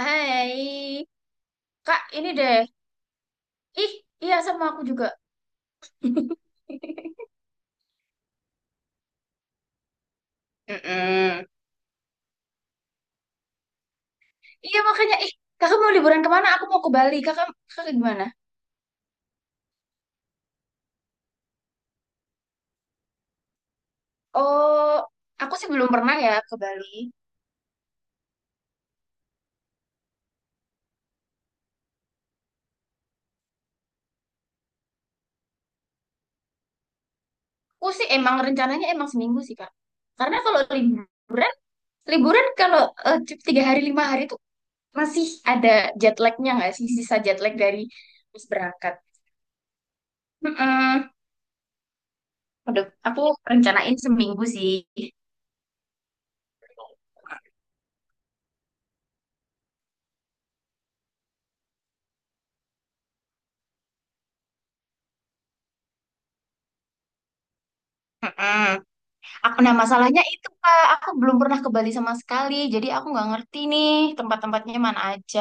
Hai. Kak, ini deh. Ih, iya sama aku juga. Mm-mm. Iya makanya, ih, kakak mau liburan kemana? Aku mau ke Bali. Kakak, gimana? Oh, aku sih belum pernah ya ke Bali. Aku sih emang rencananya emang seminggu sih, Kak. Karena kalau liburan, liburan kalau tiga hari lima hari tuh masih ada jet lagnya nggak sih? Sisa jet lag dari habis berangkat. Mm-mm. Udah, aku rencanain seminggu sih. Mm-mm. Nah, masalahnya itu Kak, aku belum pernah ke Bali sama sekali, jadi aku nggak ngerti nih tempat-tempatnya mana aja.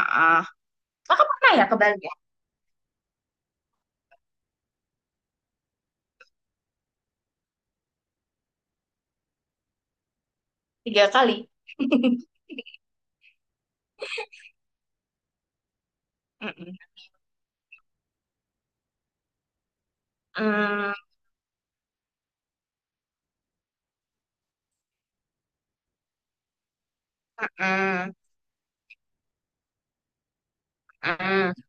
ah Kakak pernah ya ke Bali ya? Tiga kali. Mm-mm. Mm, mm-mm, mm-mm. Mm.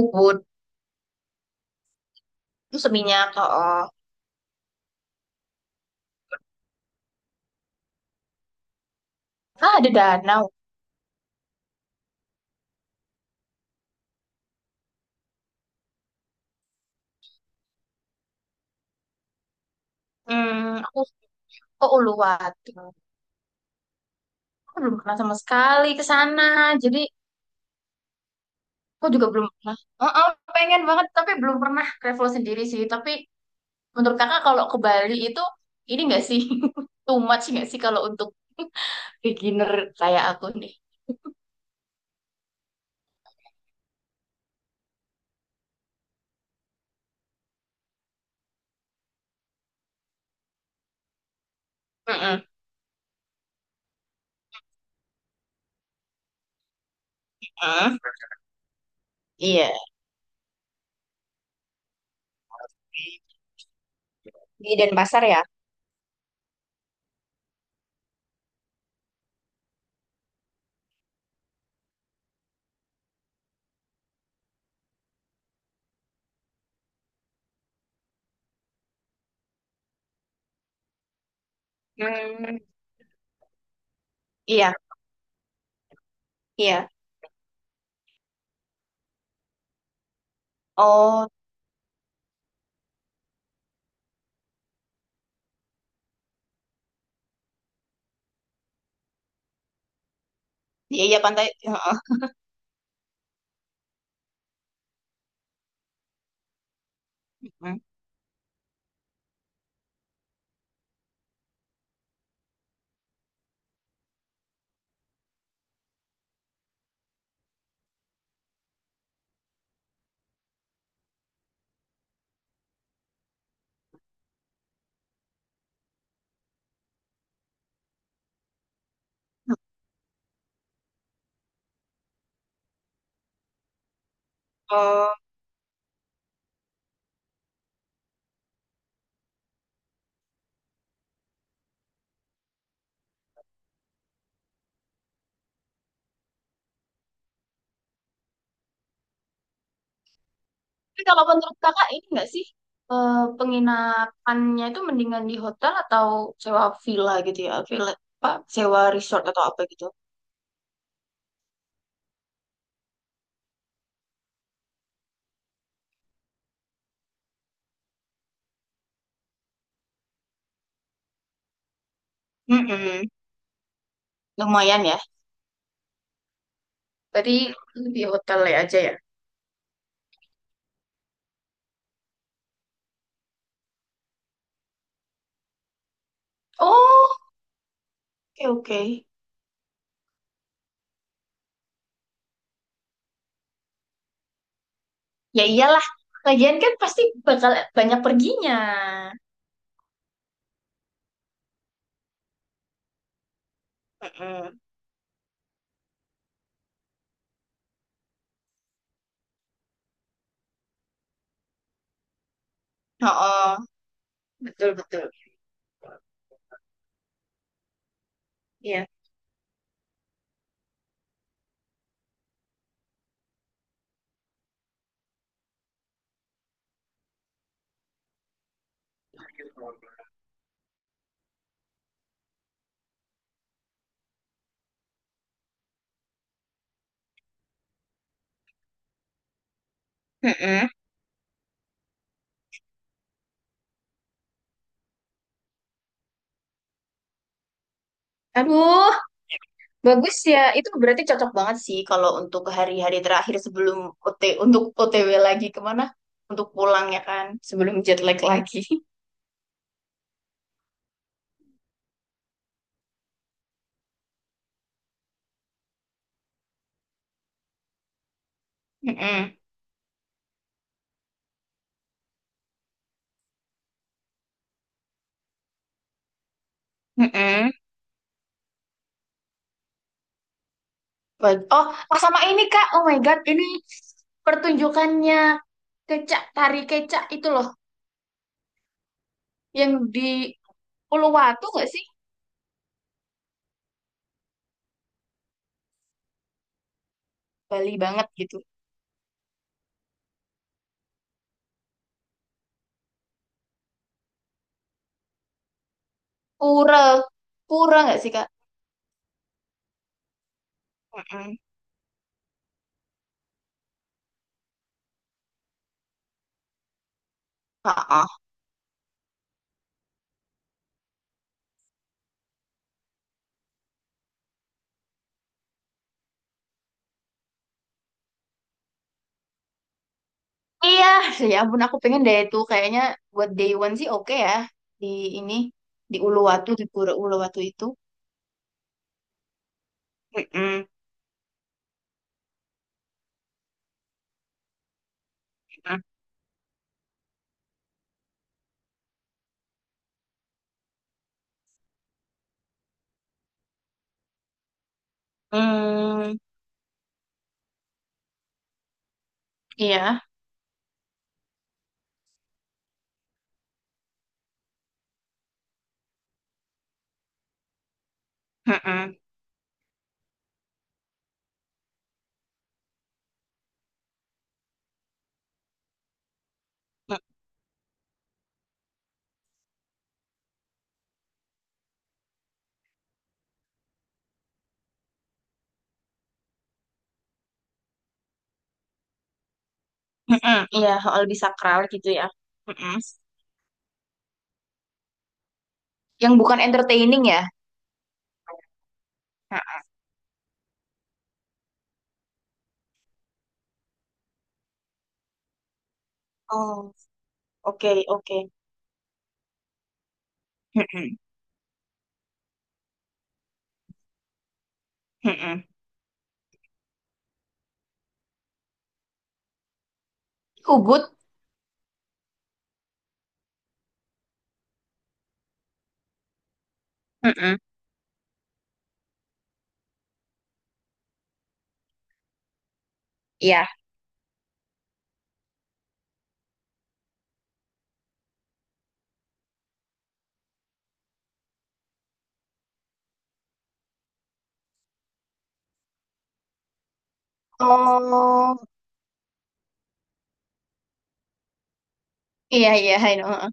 Ubud, terus Seminyak. Oh, ah, ada danau. Hmm, aku ke Uluwatu. Aku belum pernah sama sekali ke sana, jadi aku juga belum pernah. Oh, oh, pengen banget, tapi belum pernah travel sendiri sih. Tapi menurut kakak kalau ke Bali itu ini nggak sih, too much nggak sih kalau untuk beginner kayak aku nih? Mm-mm. Mm. Iya, di Denpasar ya. Hmm, iya, iya. Oh, iya, iya pantai. Heeh. Mm. Oh, tapi kalau menurut kakak ini nggak sih, penginapannya itu mendingan di hotel atau sewa villa gitu ya? Villa apa? Sewa resort atau apa gitu? Mm-mm. Lumayan ya. Berarti di hotel aja ya? Oh. Oke, oke. Ya iyalah, lagian kan pasti bakal banyak perginya. Mm-mm. Oh, betul betul. Iya. Mm-mm. Aduh, bagus ya. Itu berarti cocok banget sih kalau untuk hari-hari terakhir sebelum OT untuk OTW lagi kemana? Untuk pulang ya kan, sebelum jet lag lagi. Mm-mm. Mm-mm. Ba- oh, oh, sama ini Kak. Oh my God, ini pertunjukannya kecak, tari kecak itu loh, yang di Uluwatu nggak sih? Bali banget gitu. Pura, pura nggak sih Kak? Mm-mm. Heeh. Iya, ya ampun aku pengen deh itu kayaknya buat day one sih oke ya, di ini di Uluwatu, di Pura Uluwatu itu. Mm-mm. Mm-mm. Mm. Iya, Mm-mm. Mm-mm. Iya hal lebih sakral gitu ya. Mm-mm. Yang bukan entertaining ya. Mm-mm. Oh, oke, oke. Mm-mm. Mm-mm. Ubud. Mm-mm. Iya. Oh, iya iya, I know.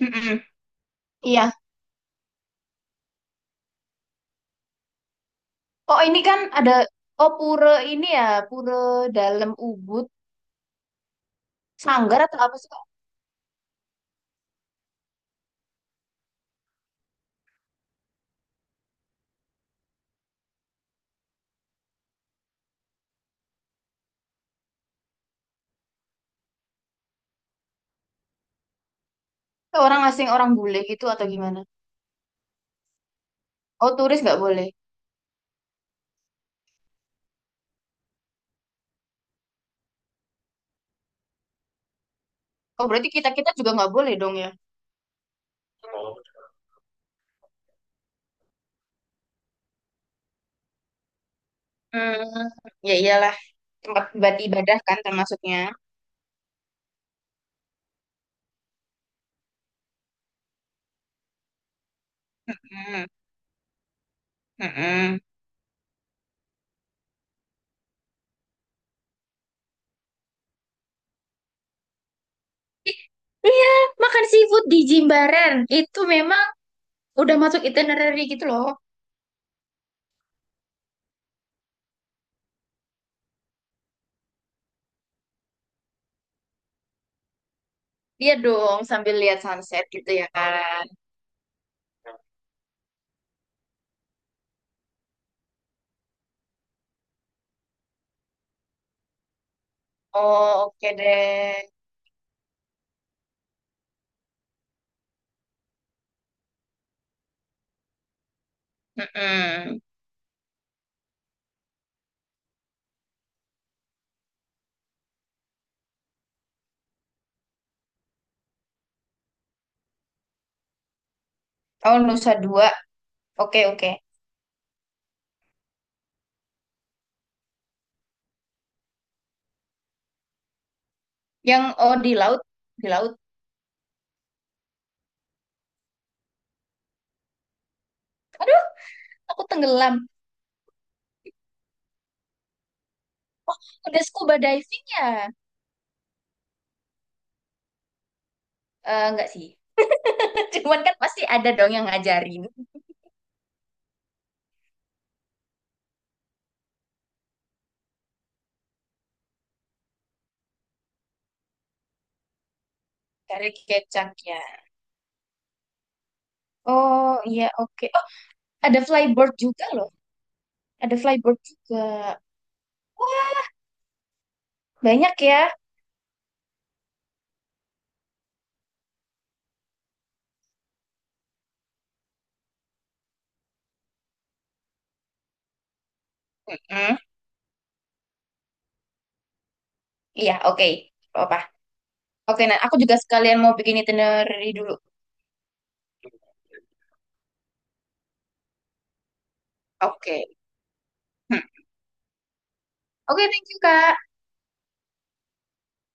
Mm-mm. Iya, oh ini kan ada, oh pura ini ya, pura dalam Ubud. Sanggar atau apa sih Kak? Kayak orang asing, orang bule gitu atau gimana? Oh turis nggak boleh. Oh berarti kita kita juga nggak boleh dong ya? Hmm, ya iyalah, tempat buat ibadah kan termasuknya. Hmm, hmm, iya, makan seafood di Jimbaran. Itu memang udah masuk itinerary gitu loh. Iya dong sambil lihat sunset gitu ya kan. Oh oke deh. Hmm, oh Nusa Dua. Oke oke. Yang oh di laut, di laut. Aduh, aku tenggelam. Udah scuba diving ya? Eh, enggak sih. Cuman kan pasti ada dong yang ngajarin. Cari kecaknya. Oh iya oke. Oh ada flyboard juga loh. Ada flyboard juga. Wah, banyak ya. Mm-mm. Iya oke. Nggak. Apa? Oke, nah aku juga sekalian mau bikin itinerary dulu. Oke. Hmm. Oke, thank you Kak.